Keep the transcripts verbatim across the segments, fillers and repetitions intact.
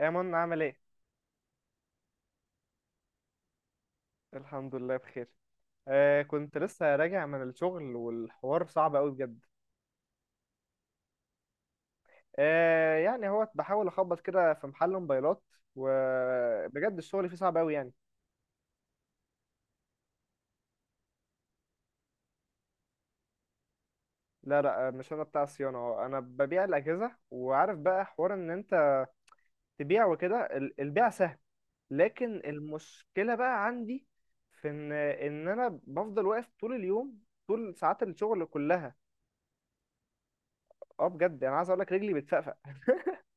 يا منى عامل ايه؟ الحمد لله بخير. آه كنت لسه راجع من الشغل والحوار صعب قوي بجد. آه يعني هو بحاول اخبط كده في محل موبايلات، وبجد الشغل فيه صعب قوي يعني. لا لا آه، مش انا بتاع الصيانة، هو انا ببيع الاجهزة. وعارف بقى حوار ان انت تبيع وكده، ال- البيع سهل، لكن المشكلة بقى عندي في ان ان انا بفضل واقف طول اليوم، طول ساعات الشغل كلها. اه بجد انا عايز اقول لك رجلي بتفقفق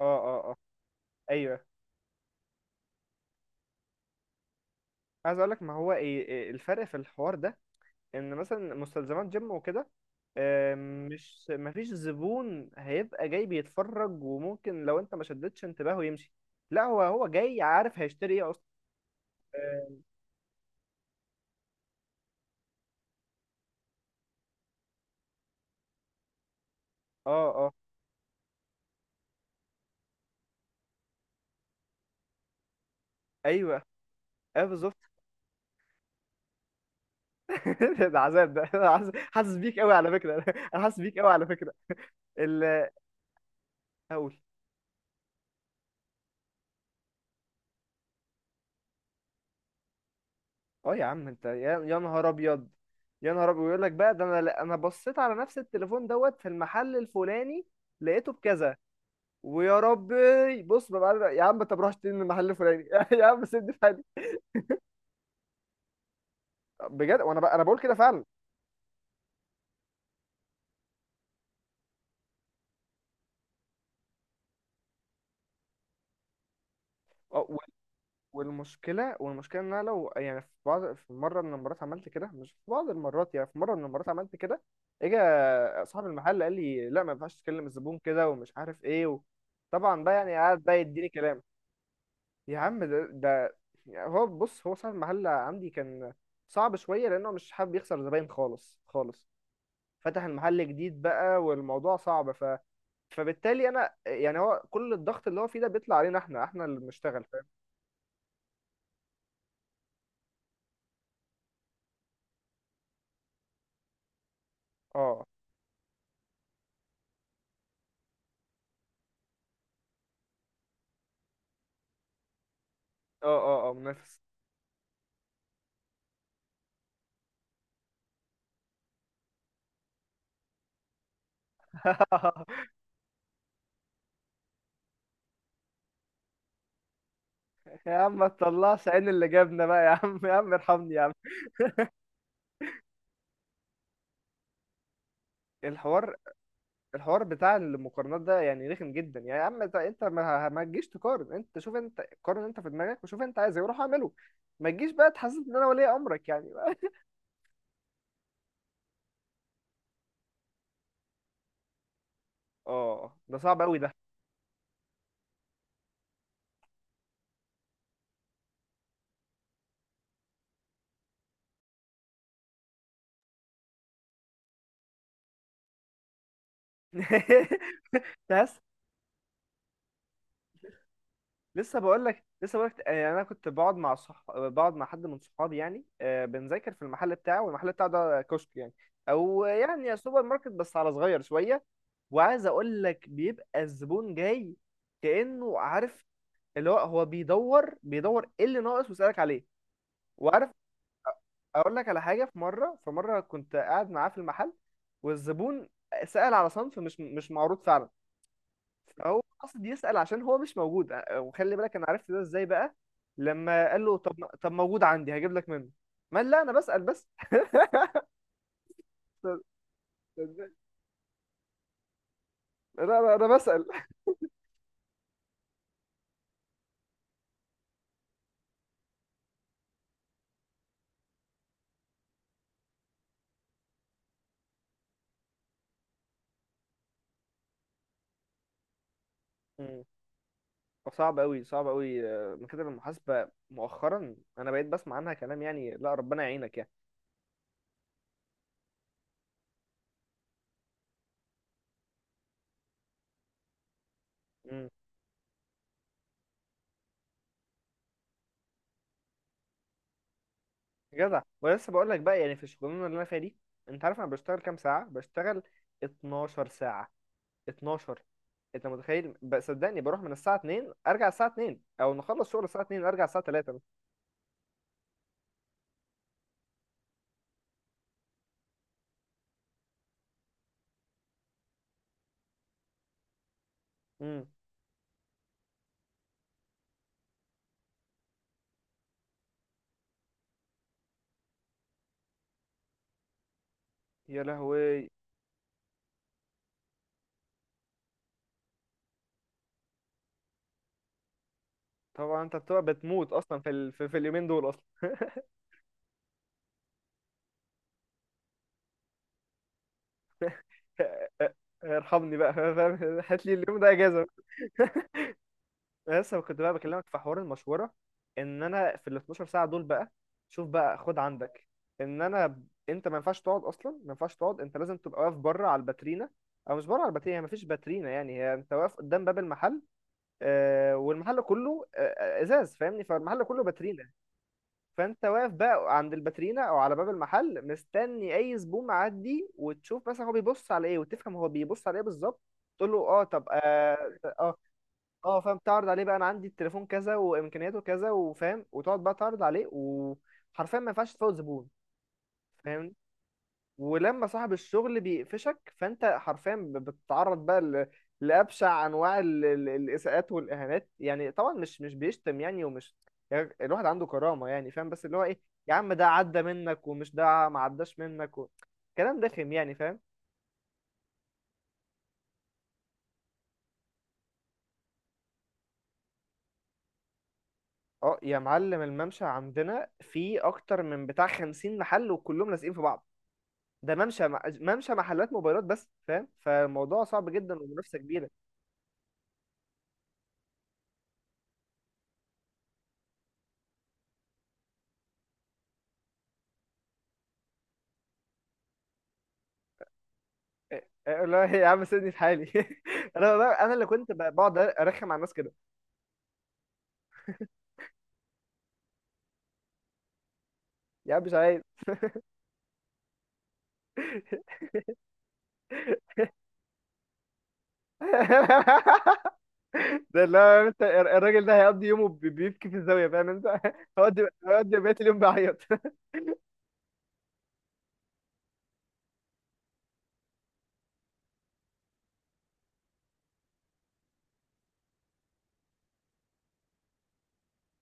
اه اه اه ايوه. عايز اقول لك ما هو ايه إيه الفرق في الحوار ده، ان مثلا مستلزمات جيم وكده آه، مش ما فيش زبون هيبقى جاي بيتفرج وممكن لو انت ما شدتش انتباهه يمشي. لا هو هو جاي عارف هيشتري ايه اصلا. اه اه آه، ايوه. اه بالظبط. ده عذاب، ده أنا حاسس حاسس بيك قوي على فكره انا حاسس بيك قوي على فكره. ال- اقول اه يا عم انت، يا يا نهار ابيض، يا نهار ابيض، يقول لك بقى ده انا انا بصيت على نفس التليفون دوت في المحل الفلاني لقيته بكذا. ويا ربي بص، ببقى يا عم طب روح اشتري من المحل الفلاني يا عم سيبني في حالي. بجد وانا بقى انا بقول كده فعلا. أه، و- والمشكله والمشكله ان انا لو يعني في بعض في مره من المرات عملت كده، مش في بعض المرات، يعني في مره من المرات عملت كده، اجى صاحب المحل قال لي لا، ما ينفعش تكلم الزبون كده، ومش عارف ايه و... طبعا بقى يعني قعد بقى يديني كلام. يا عم ده, ده، يعني هو بص، هو صاحب المحل عندي كان صعب شويه لانه مش حابب يخسر زباين خالص خالص، فتح المحل جديد بقى والموضوع صعب ف... فبالتالي انا يعني هو كل الضغط اللي هو فيه ده بيطلع علينا، احنا احنا اللي بنشتغل فاهم. اه اه اه اه منافس. يا عم ما تطلعش عين اللي جابنا بقى، يا عم، يا عم ارحمني يا عم. الحوار الحوار بتاع المقارنات ده يعني رخم جدا. يعني يا عم انت انت ما, ما تجيش تقارن، انت شوف، انت قارن انت في دماغك وشوف انت عايز ايه وروح اعمله، ما تجيش بقى تحسس ان انا ولي امرك يعني اه ده صعب قوي ده. تحس. لسه بقول لك، لسه بقول لك آه، يعني انا كنت بقعد مع صح... بقعد مع حد من صحابي يعني آه، بنذاكر في المحل بتاعه، والمحل بتاعه ده كشك يعني، او يعني سوبر ماركت بس على صغير شويه. وعايز اقول لك بيبقى الزبون جاي كانه عارف، اللي هو هو بيدور، بيدور ايه اللي ناقص ويسالك عليه وعارف. اقول لك على حاجه، في مره في مره كنت قاعد معاه في المحل، والزبون سأل على صنف مش مش معروض فعلا، هو قصد يسأل عشان هو مش موجود. أ- وخلي بالك انا عرفت ده ازاي بقى، لما قال له طب طب موجود عندي هجيب لك منه، ما قال لا انا بسأل بس لا لا انا بسأل. مم. صعب قوي، صعب قوي آه، مكاتب المحاسبة مؤخرا انا بقيت بسمع عنها كلام يعني، لا ربنا يعينك يعني. مم. جدع، ولسه بقول لك بقى، يعني في الشغلانة اللي انا فيها دي انت عارف انا بشتغل كام ساعة؟ بشتغل 12 ساعة، اتناشر. انت متخيل؟ ب- صدقني بروح من الساعه اتنين ارجع الساعه اثنين، او نخلص شغل الساعه اثنين ارجع الساعه ثلاثة بس. امم. يا لهوي. طبعا انت بتبقى بتموت اصلا في ال... في, في اليومين دول اصلا. ارحمني بقى فاهم، هات لي اليوم ده اجازه لسه كنت بقى بكلمك في حوار المشوره، ان انا في ال اثنا عشر ساعة ساعه دول بقى. شوف بقى، خد عندك ان انا، انت ما ينفعش تقعد اصلا، ما ينفعش تقعد، انت لازم تبقى واقف بره على الباترينا، او مش بره على الباترينا، هي ما فيش باترينا، يعني هي انت واقف قدام باب المحل آه، والمحل كله آه، آه، ازاز، فاهمني، فالمحل كله باترينا. فانت واقف بقى عند الباترينا او على باب المحل مستني اي زبون معدي، وتشوف مثلا هو بيبص على ايه، وتفهم هو بيبص على ايه بالظبط، تقول له اه طب اه اه آه، فاهم، تعرض عليه بقى، انا عندي التليفون كذا وامكانياته كذا وفاهم، وتقعد بقى تعرض عليه، وحرفيا ما ينفعش تفوت زبون، فاهمني. ولما صاحب الشغل بيقفشك فانت حرفيا ب- بتتعرض بقى ل- لابشع انواع ال- ال- الاساءات والاهانات، يعني طبعا مش مش بيشتم يعني، ومش، يعني الواحد عنده كرامه يعني، فاهم، بس اللي هو ايه، يا عم ده عدى منك، ومش ده ما عداش منك و... كلام دخم يعني، فاهم. اه يا معلم، الممشى عندنا فيه اكتر من بتاع 50 محل، وكلهم لازقين في بعض. ده ممشى مع- ممشى محلات موبايلات بس فاهم، فالموضوع صعب جدا، ومنافسه كبيره. لا يا عم سيبني في حالي انا والله- انا اللي كنت ب- بقعد ارخم على الناس كده. يا عم مش عايز. ده لا، انت الراجل ده هيقضي يومه بي- بيبكي في الزاويه، فاهم انت؟ هيقضي هيقضي بقيه اليوم بيعيط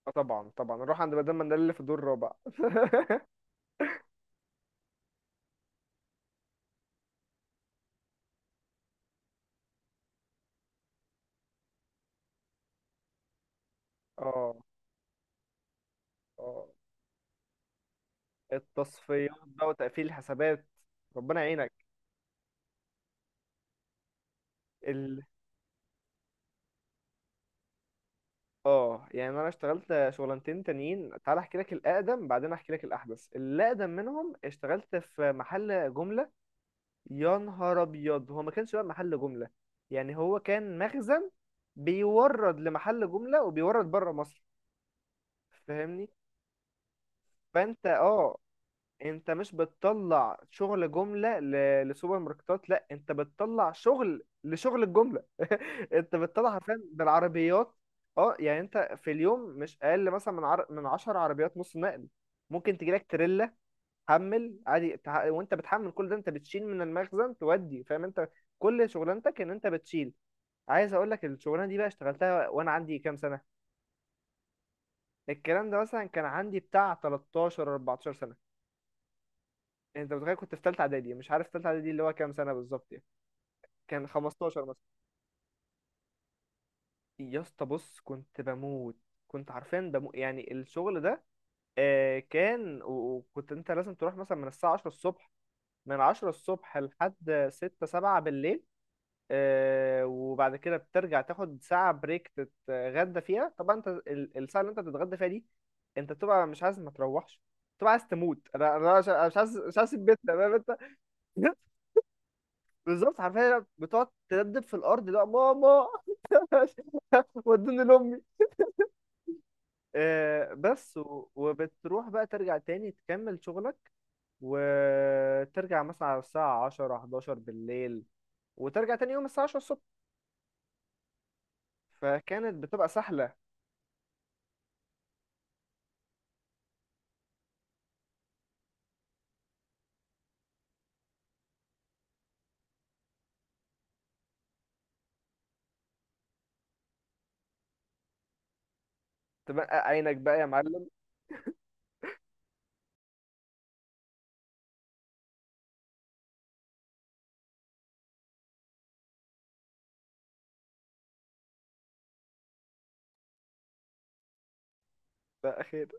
آه طبعا طبعا، نروح عند مدام مندل اللي في الدور الرابع. اه اه التصفيات بقى وتقفيل الحسابات، ربنا يعينك. ال... اه يعني انا اشتغلت شغلانتين تانيين، تعال احكي لك الاقدم بعدين احكي لك الاحدث. الاقدم منهم اشتغلت في محل جمله. يا نهار ابيض، هو ما كانش بقى محل جمله يعني، هو كان مخزن بيورد لمحل جمله وبيورد بره مصر، فاهمني. فانت اه، انت مش بتطلع شغل جمله ل- لسوبر ماركتات، لا انت بتطلع شغل لشغل الجمله. انت بتطلع حرفيا بالعربيات. اه، يعني انت في اليوم مش اقل مثلا من عر... من 10 عربيات نص نقل، ممكن تجيلك تريلا، حمل عادي، تع- وانت بتحمل كل ده، انت بتشيل من المخزن تودي، فاهم انت؟ كل شغلانتك ان انت بتشيل. عايز اقول لك الشغلانه دي بقى اشتغلتها وانا عندي كام سنه؟ الكلام ده مثلا كان عندي بتاع تلتاشر اربعتاشر سنة سنه. انت متخيل، كنت في ثالثه اعدادي، مش عارف ثالثه اعدادي اللي هو كام سنه بالظبط يعني، كان خمسة عشر مثلا. يا اسطى بص، كنت بموت، كنت حرفيا بموت يعني الشغل ده. آه كان، و- وكنت انت لازم تروح مثلا من الساعه عشرة الصبح، من عشرة الصبح لحد ستة سبعة بالليل آه، وبعد كده بترجع تاخد ساعة بريك تتغدى فيها، طبعا انت ال- الساعة اللي انت بتتغدى فيها دي انت بتبقى مش عايز ما تروحش، بتبقى عايز تموت. انا انا مش أنا مش عايز، مش عايز اسيب بيتنا، فاهم انت؟ بالظبط، حرفيا بتقعد تدبدب في الارض، اللي هو ماما ودوني لامي. آه، بس و- وبتروح بقى ترجع تاني تكمل شغلك، وترجع مثلا على الساعة عشرة حداشر بالليل، وترجع تاني يوم الساعة عشرة الصبح، فكانت بتبقى سهلة. تبقى عينك بقى يا معلم. لا خير،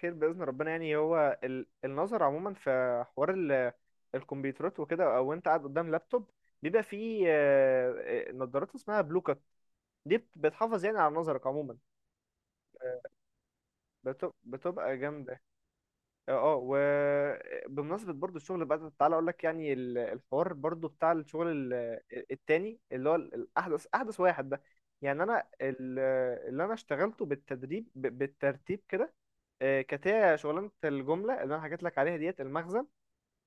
خير بإذن ربنا. يعني هو ال- النظر عموما في حوار ال- الكمبيوترات وكده، او انت قاعد قدام لابتوب، بيبقى فيه آه، آه، نظارات اسمها بلوكات، دي بت- بتحافظ يعني على نظرك عموما، بت- بتبقى جامدة. اه وبمناسبة برضو الشغل بقى تعالى اقول لك، يعني ال- الحوار برضو بتاع الشغل ال- التاني، اللي هو ال- الاحدث، احدث واحد ده، يعني انا ال- اللي انا اشتغلته بالتدريب ب- بالترتيب كده آه، كانت هي شغلانة الجملة اللي أنا حكيت لك عليها ديت المخزن،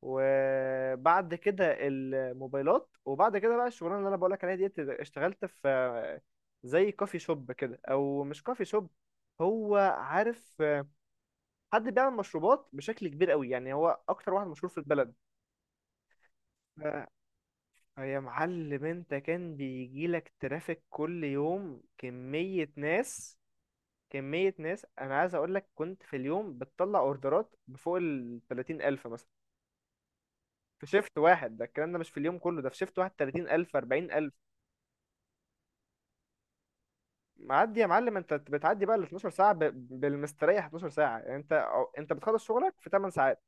وبعد كده الموبايلات، وبعد كده بقى الشغلانة اللي أنا بقول لك عليها ديت، اشتغلت في آه، زي كوفي شوب كده، أو مش كوفي شوب، هو عارف آه، حد بيعمل مشروبات بشكل كبير قوي يعني، هو أكتر واحد مشهور في البلد. ف- يا معلم، أنت كان بيجيلك ترافيك كل يوم، كمية ناس، كمية ناس، أنا عايز أقول لك كنت في اليوم بتطلع أوردرات بفوق ال ثلاثين ألف مثلا في شيفت واحد، ده الكلام ده مش في اليوم كله، ده في شيفت واحد، تلاتين الف اربعين الف. معدي يا معلم، انت بتعدي بقى ال اتناشر ساعة ساعه ب- بالمستريح اتناشر ساعه، يعني انت أو- انت بتخلص شغلك في 8 ساعات،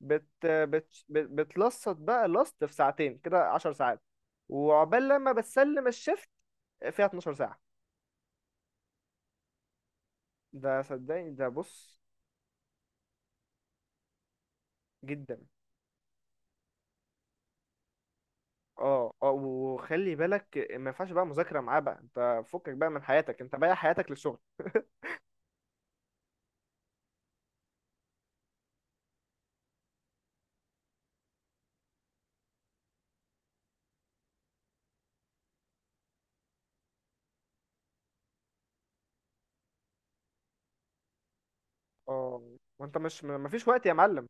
بت بت بت- بتلصت بقى لصت في ساعتين كده 10 ساعات، وعقبال لما بتسلم الشيفت فيها اتناشر ساعة ساعه. ده صدقني، ده بص، جدا. اه اه وخلي بالك، ما ينفعش بقى مذاكره معاه بقى، انت فكك بقى من حياتك، انت بايع حياتك للشغل اه. وانت مش مفيش وقت يا معلم.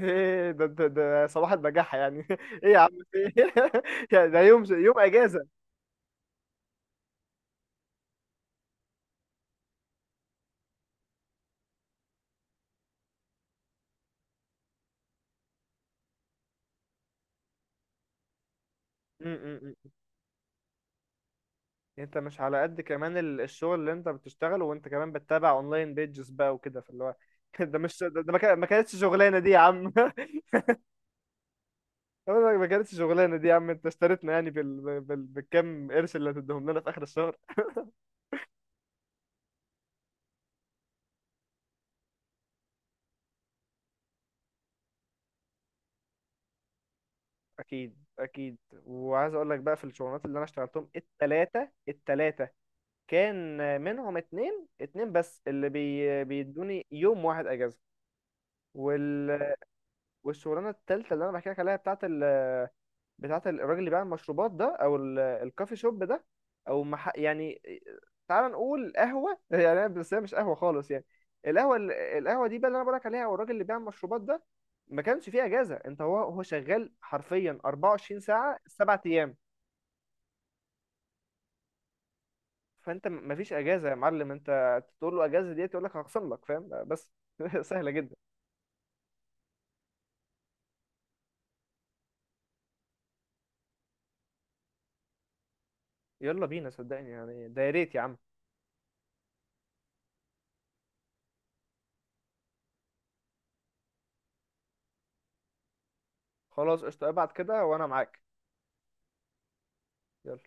ايه ده، ده ده صباح البجاحة يعني ايه يا عم في إيه؟ يعني ده يوم، يوم اجازة. م- م- م. انت مش على قد كمان ال- الشغل اللي انت بتشتغله، وانت كمان بتتابع اونلاين بيجز بقى وكده، فاللي هو ده مش، ده ده ما كان- ما كانتش شغلانة دي يا عم أقول لك ما كانتش شغلانة دي يا عم، انت اشتريتنا يعني بال... بال... بالكم قرش اللي هتديهم لنا في اخر الشهر. اكيد اكيد. وعايز اقول لك بقى في الشغلانات اللي انا اشتغلتهم التلاتة، التلاتة كان منهم اتنين اتنين بس اللي بي بيدوني يوم واحد اجازه، وال... والشغلانه التالتة اللي انا بحكي لك عليها بتاعت ال... بتاعت الراجل اللي بيعمل المشروبات ده، او ال... الكافي شوب ده، او مح... يعني تعال نقول قهوه يعني، بس هي مش قهوه خالص يعني. القهوه ال- القهوه دي بقى اللي انا بقولك عليها، او الراجل اللي بيعمل المشروبات ده، ما كانش فيه اجازه، انت هو هو شغال حرفيا اربعة وعشرين ساعة ساعه سبع ايام. فانت م- مفيش اجازه يا معلم، انت تقول له اجازه ديت يقول لك هخصم لك، فاهم بس سهله جدا. يلا بينا صدقني يعني، ده يا ريت يا عم. خلاص قشطة، ابعت كده وانا معاك. يلا